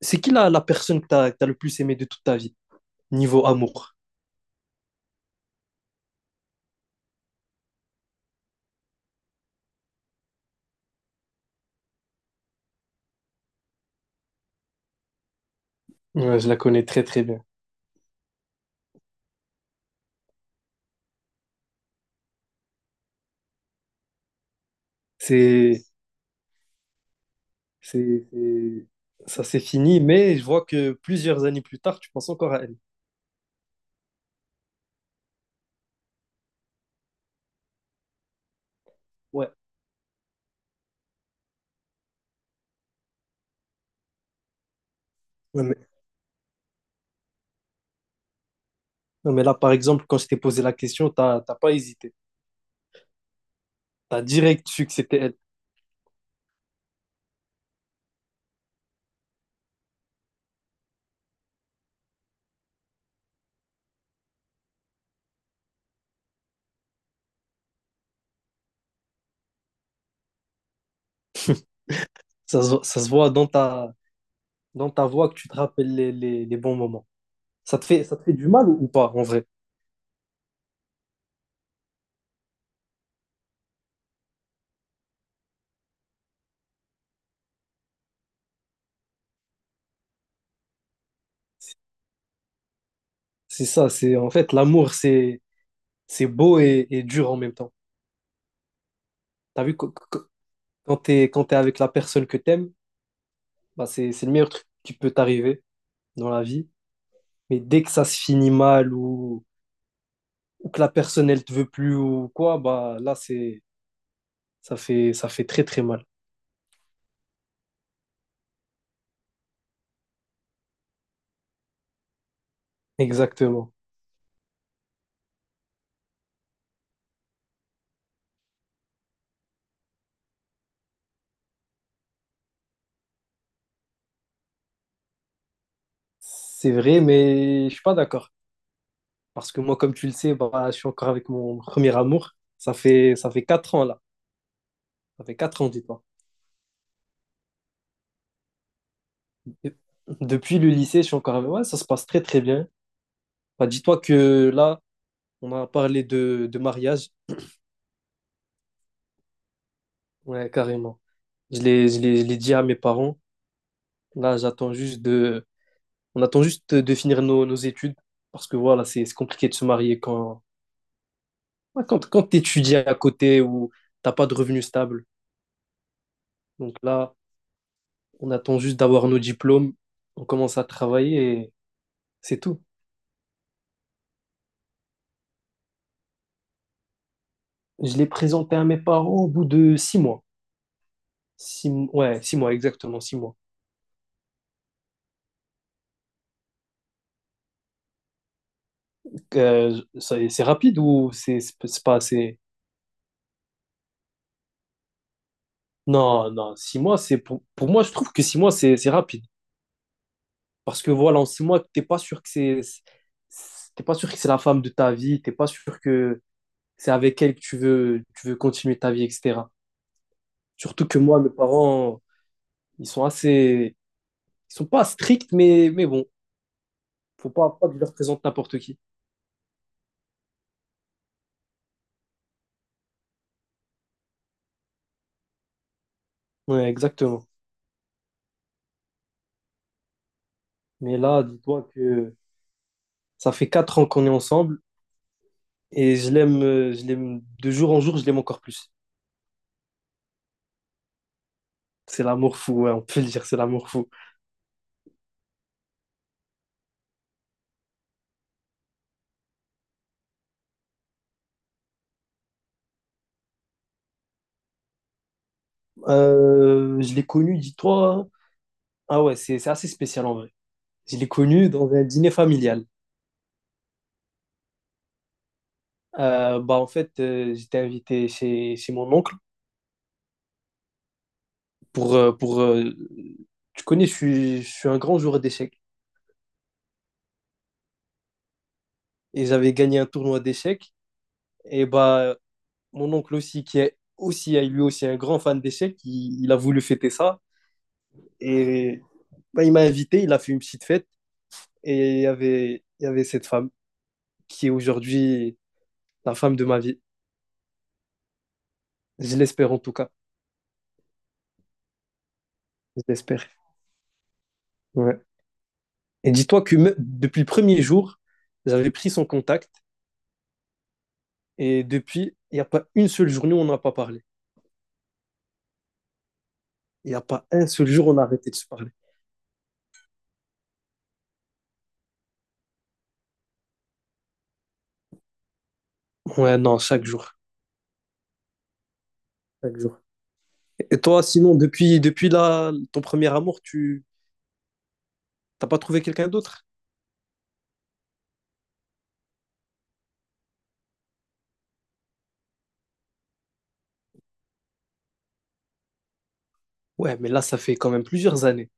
C'est qui la personne que tu as, le plus aimé de toute ta vie, niveau amour? Ouais, je la connais très très bien. C'est, c'est, c'est- Ça s'est fini, mais je vois que plusieurs années plus tard, tu penses encore à elle. Ouais. Ouais, mais, non, mais là, par exemple, quand je t'ai posé la question, t'as pas hésité. T'as direct su que c'était elle. Ça se voit dans dans ta voix que tu te rappelles les bons moments. Ça te fait du mal ou pas, en vrai? C'est ça, c'est en fait l'amour, c'est beau et dur en même temps. T'as vu, quand t'es avec la personne que t'aimes, bah, c'est le meilleur truc qui peut t'arriver dans la vie. Mais dès que ça se finit mal ou que la personne elle te veut plus ou quoi, bah là c'est ça fait très très mal. Exactement. C'est vrai, mais je suis pas d'accord. Parce que moi, comme tu le sais, bah, je suis encore avec mon premier amour. Ça fait 4 ans là. Ça fait quatre ans, dis-toi. Et depuis le lycée, je suis encore avec. Ouais, ça se passe très très bien. Bah, dis-toi que là, on a parlé de mariage. Ouais, carrément. Je l'ai dit à mes parents. Là, j'attends juste de... On attend juste de finir nos études parce que voilà, c'est compliqué de se marier quand tu étudies à côté ou t'as pas de revenus stables. Donc là, on attend juste d'avoir nos diplômes, on commence à travailler et c'est tout. Je l'ai présenté à mes parents au bout de 6 mois. Ouais, 6 mois, exactement, 6 mois. C'est rapide ou c'est pas assez... Non, non, 6 mois, c'est pour moi, je trouve que 6 mois, c'est rapide. Parce que voilà, en 6 mois, t'es pas sûr que c'est la femme de ta vie, t'es pas sûr que c'est avec elle que tu veux continuer ta vie, etc. Surtout que moi, mes parents, ils sont assez, ils sont pas stricts, mais bon, faut pas, pas que je leur présente n'importe qui. Ouais, exactement. Mais là, dis-toi que ça fait quatre ans qu'on est ensemble et je l'aime de jour en jour, je l'aime encore plus. C'est l'amour fou, ouais, on peut le dire, c'est l'amour fou. Je l'ai connu, dis-toi, hein. Ah ouais, c'est assez spécial en vrai. Je l'ai connu dans un dîner familial. En fait, j'étais invité chez mon oncle pour pour. Tu connais, je suis un grand joueur d'échecs et j'avais gagné un tournoi d'échecs. Et bah mon oncle aussi qui est aussi lui aussi un grand fan d'échecs, il a voulu fêter ça et bah, il m'a invité, il a fait une petite fête et il y avait cette femme qui est aujourd'hui la femme de ma vie. Je l'espère en tout cas. J'espère. Ouais. Et dis-toi que depuis le premier jour, j'avais pris son contact et depuis, il n'y a pas une seule journée où on n'a pas parlé. Il n'y a pas un seul jour où on a arrêté de se parler. Ouais, non, chaque jour. Chaque jour. Et toi, sinon, depuis là, ton premier amour, tu t'as pas trouvé quelqu'un d'autre? Ouais, mais là, ça fait quand même plusieurs années.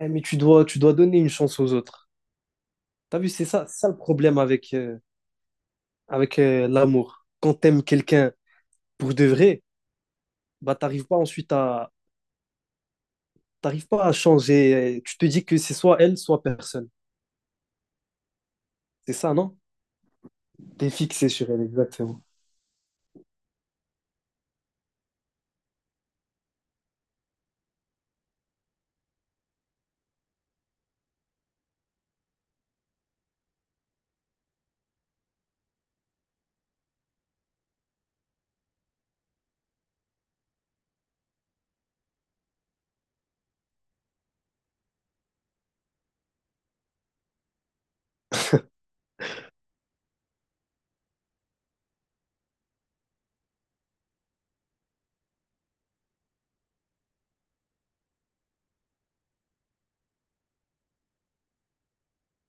Ouais, mais tu dois donner une chance aux autres. T'as vu, c'est ça le problème avec, l'amour. Quand t'aimes quelqu'un pour de vrai, bah t'arrives pas ensuite à, T'arrives pas à changer. Tu te dis que c'est soit elle, soit personne. C'est ça, non? T'es fixé sur elle, exactement.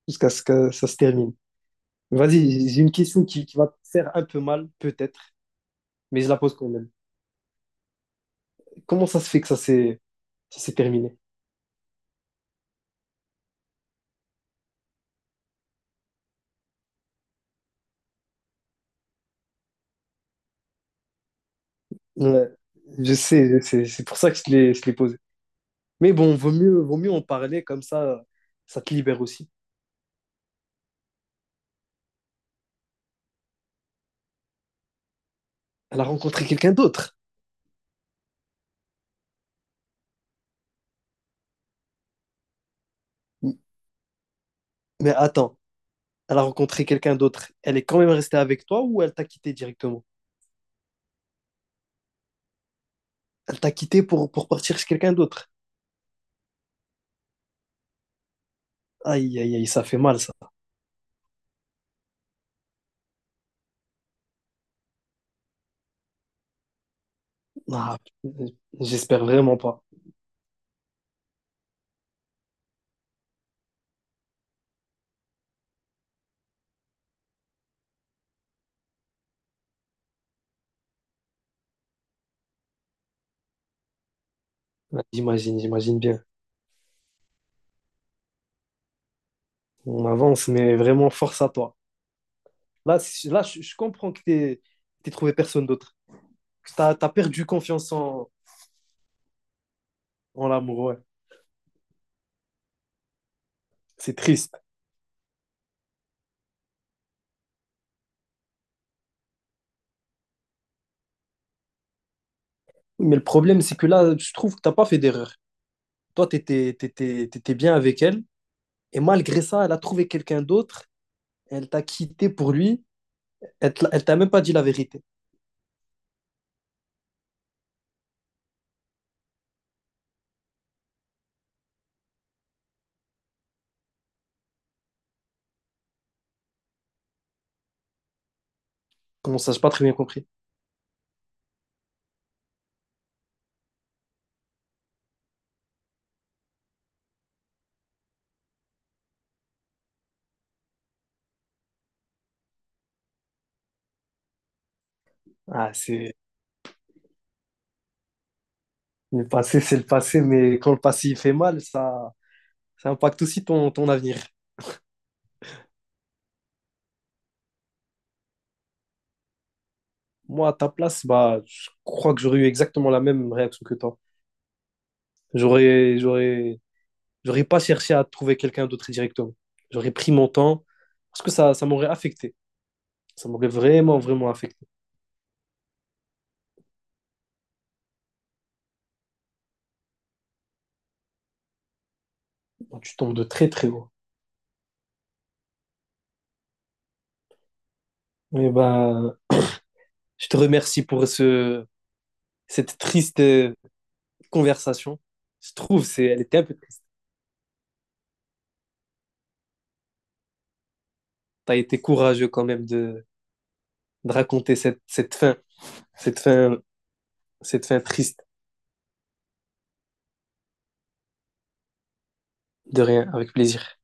Jusqu'à ce que ça se termine. Vas-y, j'ai une question qui va te faire un peu mal, peut-être, mais je la pose quand même. Comment ça se fait que ça s'est terminé? Ouais, je sais, je sais. C'est pour ça que je te l'ai posé. Mais bon, vaut mieux en parler, comme ça te libère aussi. Elle a rencontré quelqu'un d'autre. M- Mais attends, elle a rencontré quelqu'un d'autre. Elle est quand même restée avec toi ou elle t'a quitté directement? Elle t'a quitté pour partir chez quelqu'un d'autre. Aïe, aïe, aïe, ça fait mal, ça. Ah, j'espère vraiment pas. Ouais, j'imagine, j'imagine bien. On avance, mais vraiment, force à toi. Là, c- là je comprends que t'es trouvé personne d'autre. Que t'as perdu confiance en l'amour, ouais. C'est triste. Mais le problème, c'est que là, je trouve que t'as pas fait d'erreur. Toi, t'étais bien avec elle. Et malgré ça, elle a trouvé quelqu'un d'autre, elle t'a quitté pour lui, elle t'a même pas dit la vérité. Comment ça, j'ai pas très bien compris. Ah, c'est le passé, mais quand le passé il fait mal, ça impacte aussi ton avenir. Moi, à ta place, bah, je crois que j'aurais eu exactement la même réaction que toi. J'aurais, j'aurais, j'aurais pas cherché à trouver quelqu'un d'autre directement. J'aurais pris mon temps parce que ça m'aurait affecté. Ça m'aurait vraiment, vraiment affecté. Donc, tu tombes de très, très haut. Et ben, je te remercie pour cette triste conversation. Je trouve elle était un peu triste. Tu as été courageux quand même de raconter cette fin, cette fin, cette fin triste. De rien, avec plaisir.